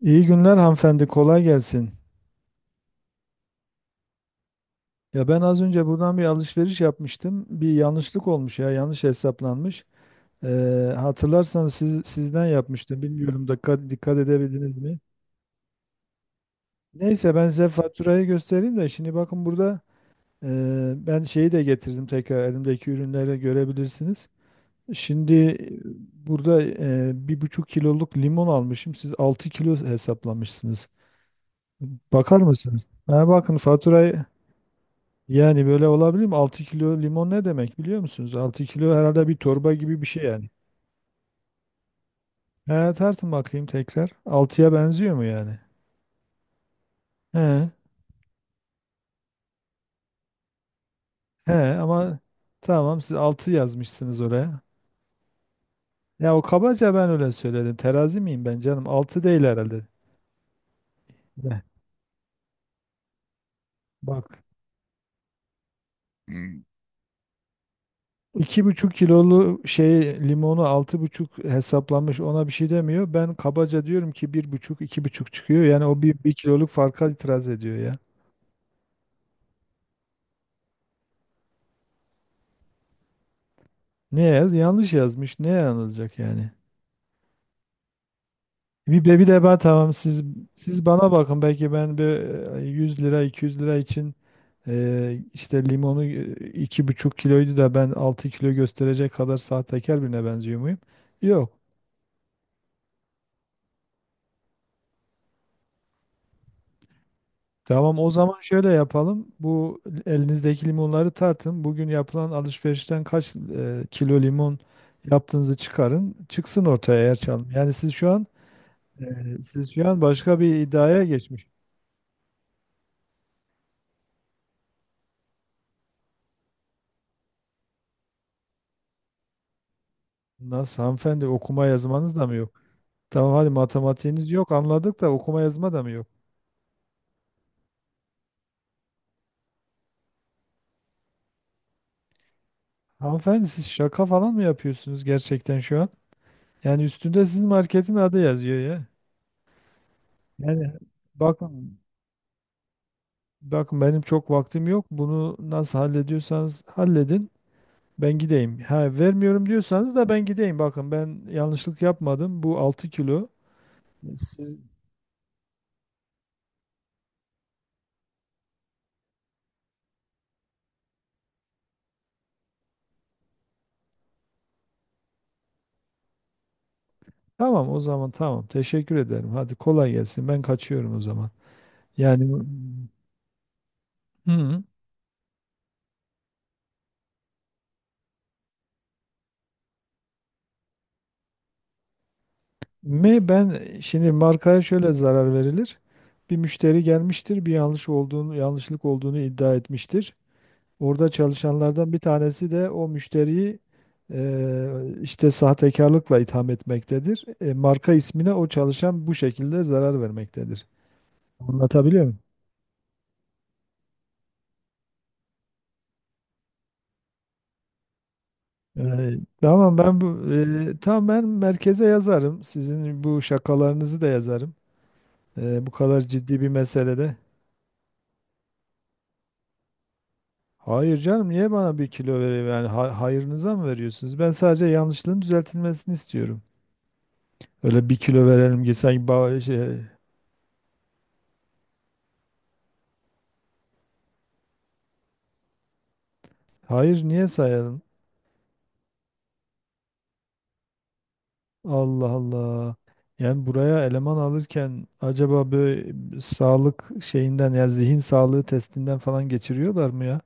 İyi günler hanımefendi, kolay gelsin. Ya ben az önce buradan bir alışveriş yapmıştım. Bir yanlışlık olmuş ya, yanlış hesaplanmış. Hatırlarsanız sizden yapmıştım. Bilmiyorum da dikkat edebildiniz mi? Neyse ben size faturayı göstereyim de şimdi bakın, burada ben şeyi de getirdim, tekrar elimdeki ürünleri görebilirsiniz. Şimdi burada 1,5 kiloluk limon almışım. Siz 6 kilo hesaplamışsınız. Bakar mısınız? Ha, bakın faturayı. Yani böyle olabilir mi? 6 kilo limon ne demek biliyor musunuz? 6 kilo herhalde bir torba gibi bir şey yani. He, tartın bakayım tekrar. 6'ya benziyor mu yani? He. He, ama tamam siz 6 yazmışsınız oraya. Ya o kabaca ben öyle söyledim. Terazi miyim ben canım? 6 değil herhalde. Heh, bak. 2,5 kilolu şey, limonu 6,5 hesaplanmış, ona bir şey demiyor. Ben kabaca diyorum ki bir buçuk, iki buçuk çıkıyor. Yani o bir kiloluk farka itiraz ediyor ya. Ne yaz? Yanlış yazmış. Ne yanılacak yani? Bir de ben, tamam siz bana bakın, belki ben bir 100 lira 200 lira için işte limonu 2,5 kiloydu da ben 6 kilo gösterecek kadar sahtekar birine benziyor muyum? Yok. Tamam, o zaman şöyle yapalım. Bu elinizdeki limonları tartın. Bugün yapılan alışverişten kaç kilo limon yaptığınızı çıkarın. Çıksın ortaya, eğer çalın. E, siz şu an başka bir iddiaya geçmiş. Nasıl hanımefendi, okuma yazmanız da mı yok? Tamam hadi, matematiğiniz yok anladık da okuma yazma da mı yok? Hanımefendi, siz şaka falan mı yapıyorsunuz gerçekten şu an? Yani üstünde sizin marketin adı yazıyor ya. Yani bakın bakın benim çok vaktim yok. Bunu nasıl hallediyorsanız halledin. Ben gideyim. Ha vermiyorum diyorsanız da ben gideyim. Bakın ben yanlışlık yapmadım. Bu 6 kilo. Siz. Tamam, o zaman tamam. Teşekkür ederim. Hadi kolay gelsin. Ben kaçıyorum o zaman. Yani. Hı. Mi ben şimdi markaya şöyle zarar verilir. Bir müşteri gelmiştir, bir yanlış olduğunu, yanlışlık olduğunu iddia etmiştir. Orada çalışanlardan bir tanesi de o müşteriyi eee, işte sahtekarlıkla itham etmektedir. Marka ismine o çalışan bu şekilde zarar vermektedir. Anlatabiliyor muyum? Yani, tamam ben merkeze yazarım. Sizin bu şakalarınızı da yazarım. Bu kadar ciddi bir meselede. Hayır canım, niye bana bir kilo veriyor yani, hayırınıza mı veriyorsunuz? Ben sadece yanlışlığın düzeltilmesini istiyorum. Öyle bir kilo verelim ki sanki. Hayır, niye sayalım? Allah Allah. Yani buraya eleman alırken acaba böyle sağlık şeyinden ya zihin sağlığı testinden falan geçiriyorlar mı ya?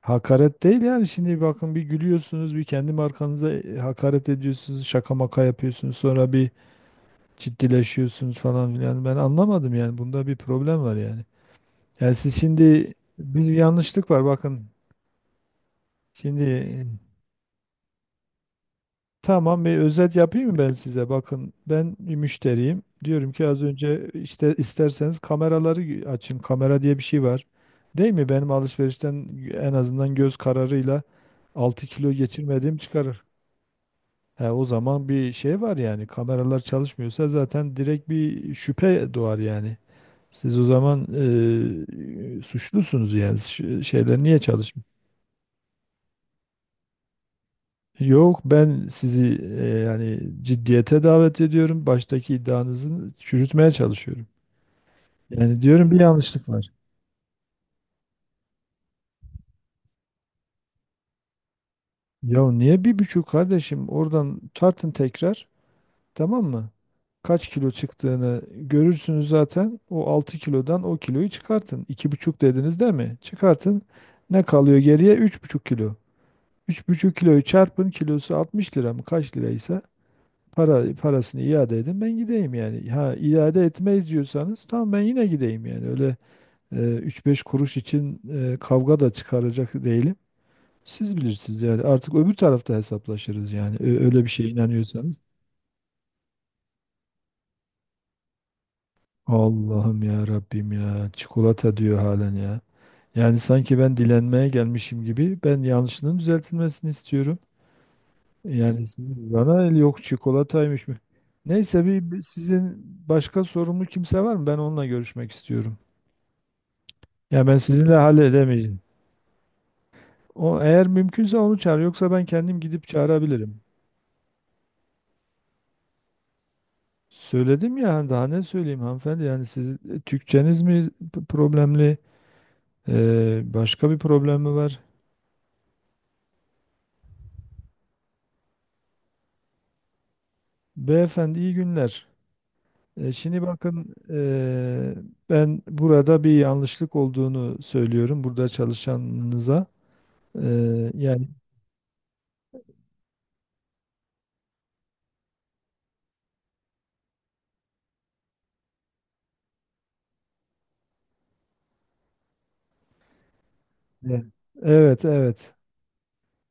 Hakaret değil, yani şimdi bakın, bir gülüyorsunuz, bir kendi markanıza hakaret ediyorsunuz, şaka maka yapıyorsunuz, sonra bir ciddileşiyorsunuz falan filan, ben anlamadım yani, bunda bir problem var yani. Yani siz şimdi, bir yanlışlık var, bakın. Şimdi tamam bir özet yapayım mı ben size? Bakın ben bir müşteriyim. Diyorum ki az önce işte, isterseniz kameraları açın. Kamera diye bir şey var. Değil mi? Benim alışverişten en azından göz kararıyla 6 kilo geçirmediğim çıkarır. He, o zaman bir şey var yani, kameralar çalışmıyorsa zaten direkt bir şüphe doğar yani. Siz o zaman suçlusunuz yani. Şeyler niye çalışmıyor? Yok, ben sizi yani ciddiyete davet ediyorum. Baştaki iddianızı çürütmeye çalışıyorum. Yani diyorum bir yanlışlık var. Ya niye 1,5, kardeşim, oradan tartın tekrar, tamam mı? Kaç kilo çıktığını görürsünüz zaten. O 6 kilodan o kiloyu çıkartın. 2,5 dediniz değil mi? Çıkartın. Ne kalıyor geriye? 3,5 kilo. 3,5 kiloyu çarpın, kilosu 60 lira mı kaç liraysa. Parasını iade edin ben gideyim yani. Ha iade etmeyiz diyorsanız tamam ben yine gideyim yani. Öyle üç beş kuruş için kavga da çıkaracak değilim. Siz bilirsiniz yani, artık öbür tarafta hesaplaşırız yani. Öyle bir şeye inanıyorsanız. Allah'ım, ya Rabbim, ya çikolata diyor halen ya. Yani sanki ben dilenmeye gelmişim gibi, ben yanlışının düzeltilmesini istiyorum. Yani sizin bana el yok çikolataymış mı? Neyse, bir sizin başka sorumlu kimse var mı? Ben onunla görüşmek istiyorum. Ya ben sizinle halledemeyeceğim. O, eğer mümkünse onu çağır. Yoksa ben kendim gidip çağırabilirim. Söyledim ya, hani daha ne söyleyeyim hanımefendi, yani siz Türkçeniz mi problemli? Başka bir problem mi var? Beyefendi iyi günler. Şimdi bakın, ben burada bir yanlışlık olduğunu söylüyorum burada çalışanınıza. Yani e, evet, evet,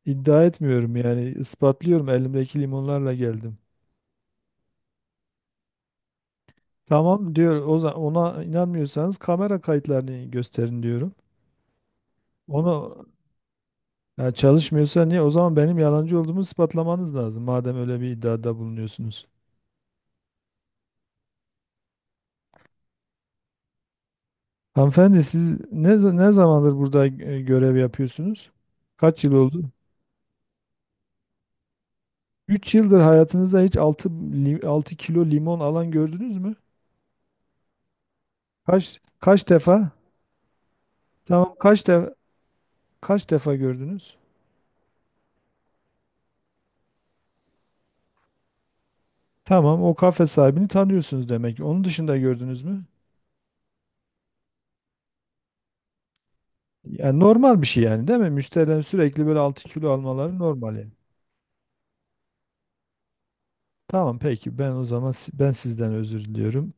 iddia etmiyorum yani, ispatlıyorum, elimdeki limonlarla geldim. Tamam diyor. O zaman ona inanmıyorsanız kamera kayıtlarını gösterin diyorum. Onu Ya çalışmıyorsa niye? O zaman benim yalancı olduğumu ispatlamanız lazım. Madem öyle bir iddiada bulunuyorsunuz. Hanımefendi, siz ne zamandır burada görev yapıyorsunuz? Kaç yıl oldu? 3 yıldır hayatınızda hiç altı kilo limon alan gördünüz mü? Kaç defa? Tamam, kaç defa gördünüz? Tamam, o kafe sahibini tanıyorsunuz demek. Onun dışında gördünüz mü? Yani normal bir şey yani, değil mi? Müşterilerin sürekli böyle 6 kilo almaları normal yani. Tamam peki, ben o zaman ben sizden özür diliyorum.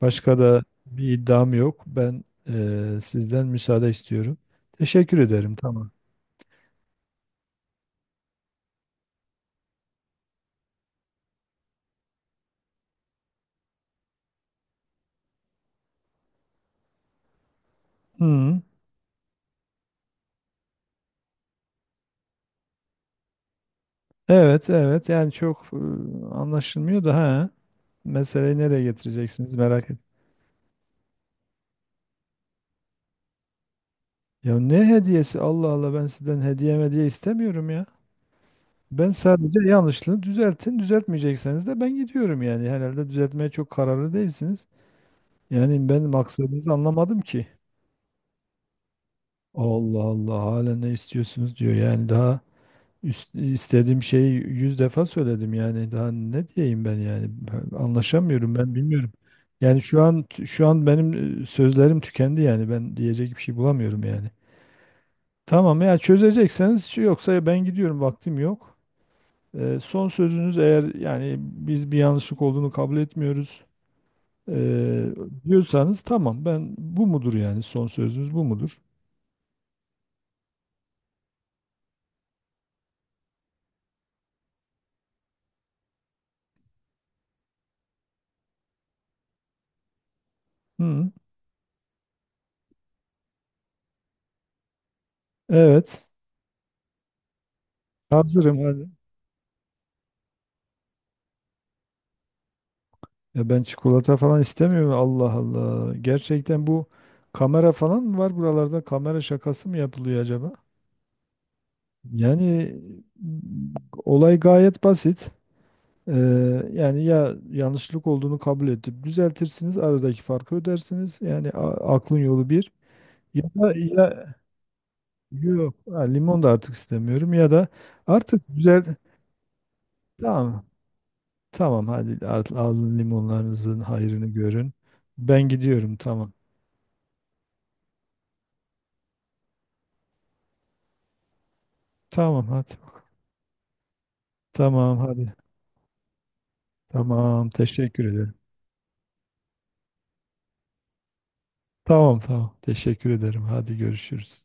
Başka da bir iddiam yok. Ben sizden müsaade istiyorum. Teşekkür ederim, tamam. Hı. Evet, evet, yani çok anlaşılmıyor da, ha. Meseleyi nereye getireceksiniz merak et. Ya ne hediyesi, Allah Allah, ben sizden hediye hediye istemiyorum ya. Ben sadece yanlışlığı düzeltin. Düzeltmeyecekseniz de ben gidiyorum yani. Herhalde düzeltmeye çok kararlı değilsiniz. Yani ben maksadınızı anlamadım ki. Allah Allah, hala ne istiyorsunuz diyor. Yani daha istediğim şeyi 100 defa söyledim yani. Daha ne diyeyim ben yani. Ben anlaşamıyorum, ben bilmiyorum. Yani şu an benim sözlerim tükendi yani. Ben diyecek bir şey bulamıyorum yani. Tamam, ya çözecekseniz, yoksa ben gidiyorum, vaktim yok. Son sözünüz, eğer yani biz bir yanlışlık olduğunu kabul etmiyoruz e, diyorsanız, tamam ben, bu mudur yani, son sözünüz bu mudur? Hı. Evet, hazırım, hadi. Ya ben çikolata falan istemiyorum. Allah Allah. Gerçekten bu, kamera falan mı var buralarda? Kamera şakası mı yapılıyor acaba? Yani m, olay gayet basit. Ee, Yani ya yanlışlık olduğunu kabul edip düzeltirsiniz, aradaki farkı ödersiniz. Yani aklın yolu bir. Ya da ya yok, ha, limon da artık istemiyorum ya da artık güzel, tamam. Tamam hadi, alın limonlarınızın hayrını görün. Ben gidiyorum, tamam. Tamam hadi. Tamam hadi. Tamam, teşekkür ederim. Tamam, tamam, teşekkür ederim. Hadi, görüşürüz.